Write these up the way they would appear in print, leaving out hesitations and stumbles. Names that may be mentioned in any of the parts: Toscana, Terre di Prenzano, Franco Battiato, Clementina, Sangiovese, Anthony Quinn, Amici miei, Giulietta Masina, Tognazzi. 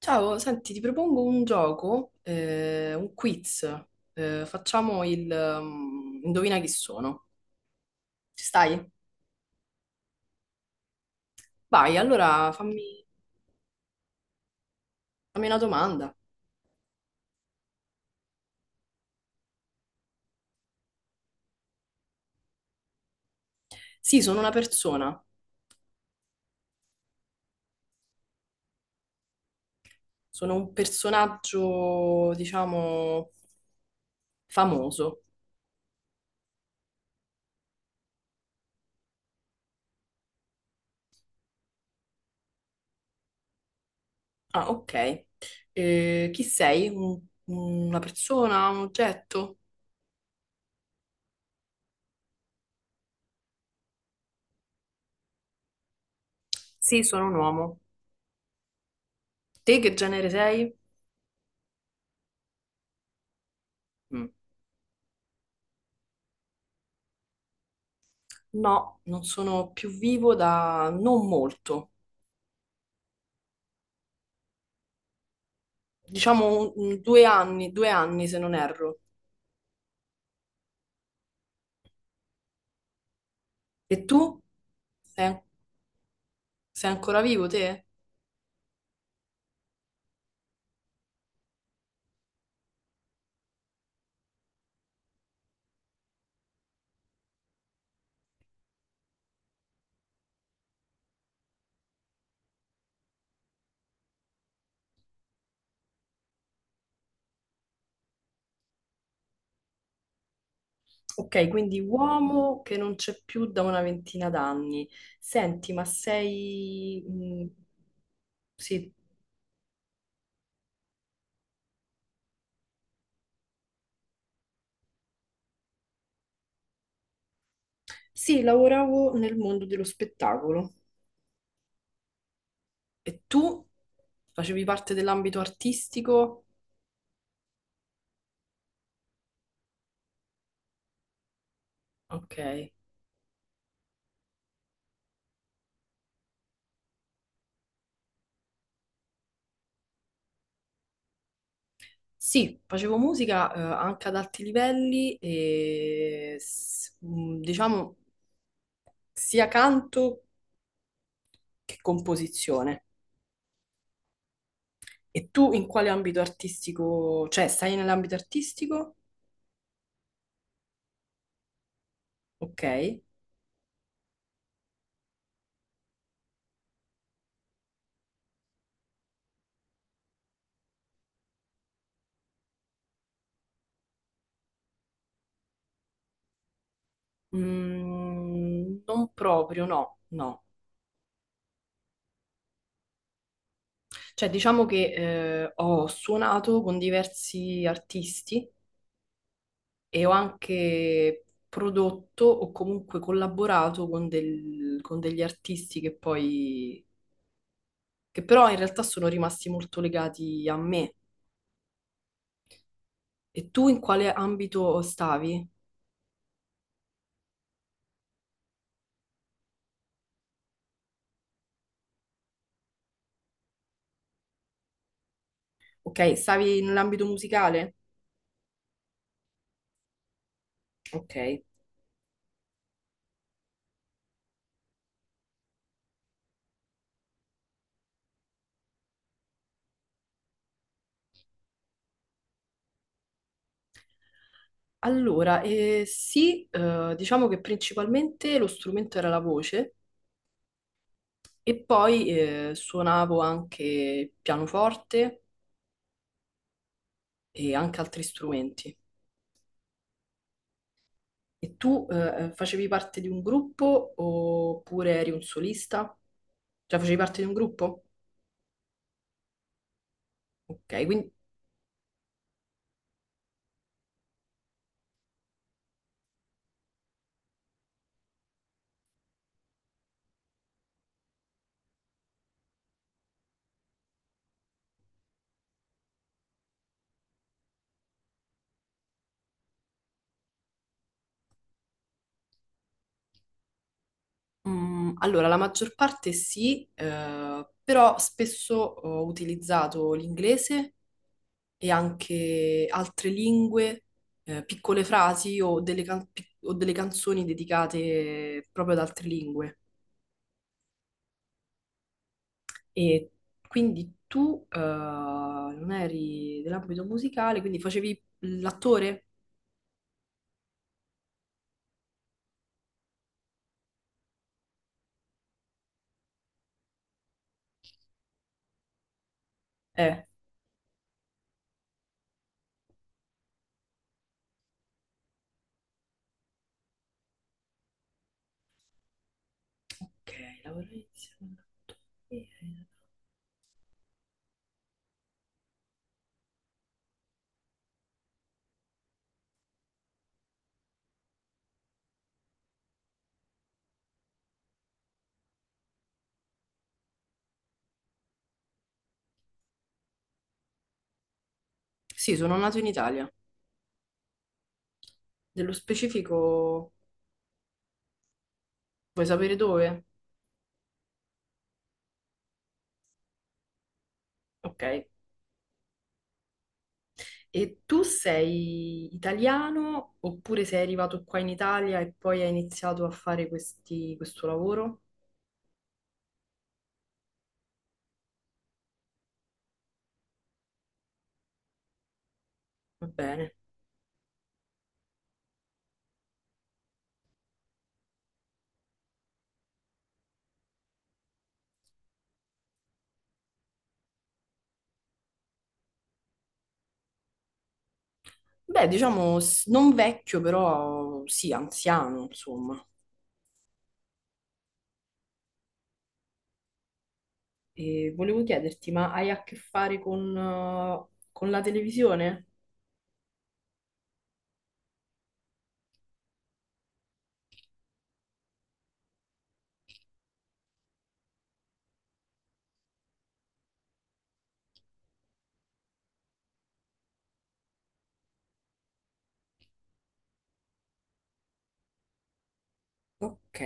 Ciao, senti, ti propongo un gioco, un quiz. Facciamo indovina chi sono. Ci stai? Vai, fammi una domanda. Sì, sono una persona, sono un personaggio, diciamo, famoso. Ah, ok. Chi sei? Una persona, un oggetto? Sì, sono un uomo. Te che genere sei? Mm. No, non sono più vivo da non molto. Diciamo due anni se non erro. E tu? Sei, sei ancora vivo te? Ok, quindi uomo che non c'è più da una ventina d'anni. Senti, ma sei... mm, sì. Sì, lavoravo nel mondo dello spettacolo. E tu facevi parte dell'ambito artistico? Ok. Sì, facevo musica, anche ad alti livelli e diciamo sia canto che composizione. E tu in quale ambito artistico, cioè stai nell'ambito artistico? Ok. Mm, non proprio, no, no. Cioè diciamo che ho suonato con diversi artisti e ho anche prodotto o comunque collaborato con, con degli artisti che però in realtà sono rimasti molto legati a me. E tu in quale ambito stavi? Ok, stavi nell'ambito musicale? Ok. Allora, sì, diciamo che principalmente lo strumento era la voce e poi suonavo anche pianoforte e anche altri strumenti. E tu, facevi parte di un gruppo oppure eri un solista? Cioè facevi parte di un gruppo? Ok, quindi mm, allora, la maggior parte sì, però spesso ho utilizzato l'inglese e anche altre lingue, piccole frasi o delle, o delle canzoni dedicate proprio ad altre lingue. E quindi tu, non eri dell'ambito musicale, quindi facevi l'attore? Eh, ok, lavorare insieme all'attore. Sì, sono nato in Italia. Nello specifico, vuoi sapere dove? Ok. E tu sei italiano oppure sei arrivato qua in Italia e poi hai iniziato a fare questo lavoro? Va bene. Beh, diciamo non vecchio, però sì, anziano, insomma. E volevo chiederti, ma hai a che fare con la televisione? Ok.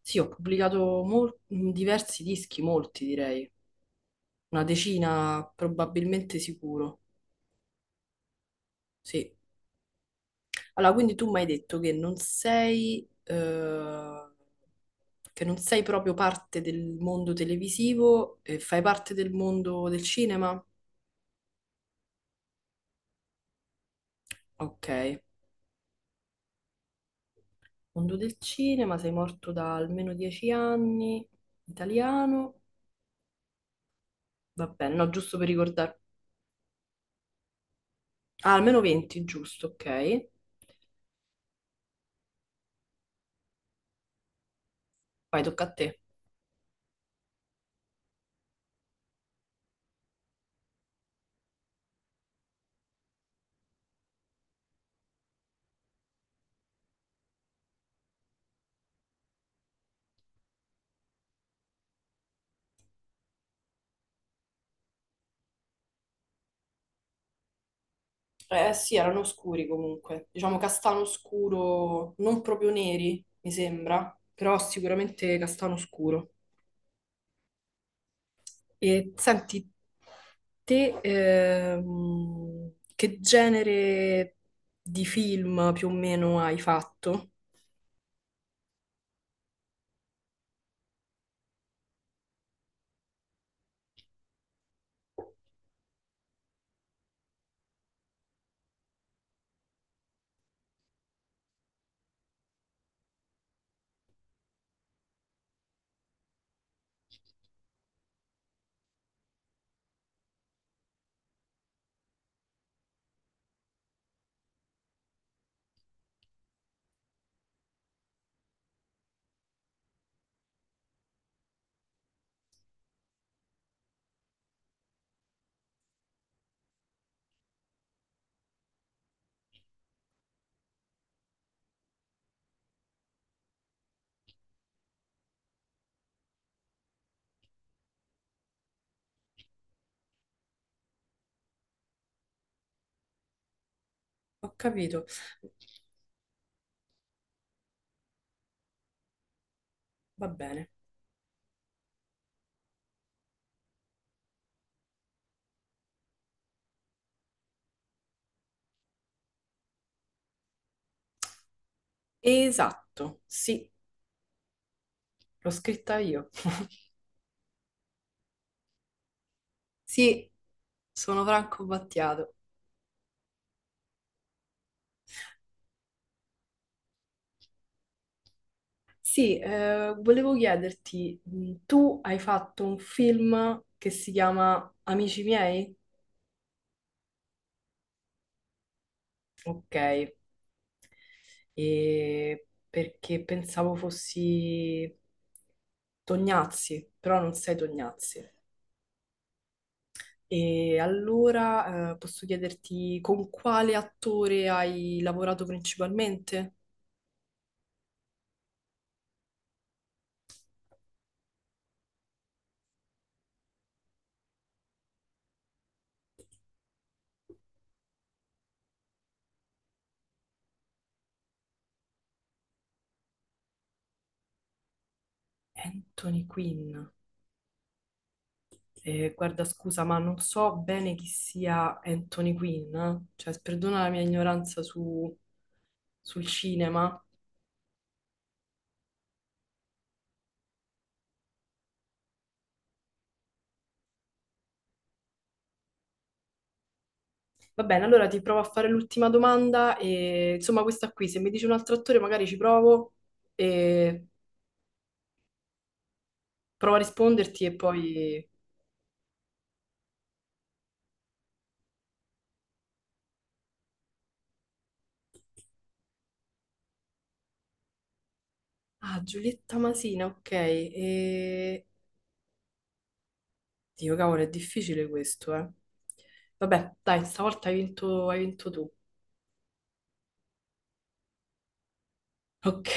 Sì, ho pubblicato diversi dischi, molti direi, una decina probabilmente sicuro. Sì. Allora, quindi tu mi hai detto che non sei proprio parte del mondo televisivo, e fai parte del mondo del cinema? Ok, mondo del cinema, sei morto da almeno 10 anni, italiano, va bene, no, giusto per ricordare. Ah, almeno 20, giusto, ok. Vai, tocca a te. Eh sì, erano scuri comunque, diciamo castano scuro, non proprio neri, mi sembra, però sicuramente castano scuro. E senti, te che genere di film più o meno hai fatto? Ho capito. Va bene. Esatto, sì, l'ho scritta io. Sì, sono Franco Battiato. Sì, volevo chiederti, tu hai fatto un film che si chiama Amici miei? Ok, e perché pensavo fossi Tognazzi, però non sei Tognazzi. E allora, posso chiederti con quale attore hai lavorato principalmente? Anthony Quinn. Guarda, scusa, ma non so bene chi sia Anthony Quinn, eh. Cioè, perdona la mia ignoranza sul cinema. Va bene, allora ti provo a fare l'ultima domanda e insomma questa qui, se mi dici un altro attore magari ci provo e provo a risponderti e poi... Ah, Giulietta Masina, ok. E... Dio, cavolo, è difficile questo, eh. Vabbè, dai, stavolta hai vinto tu. Ok.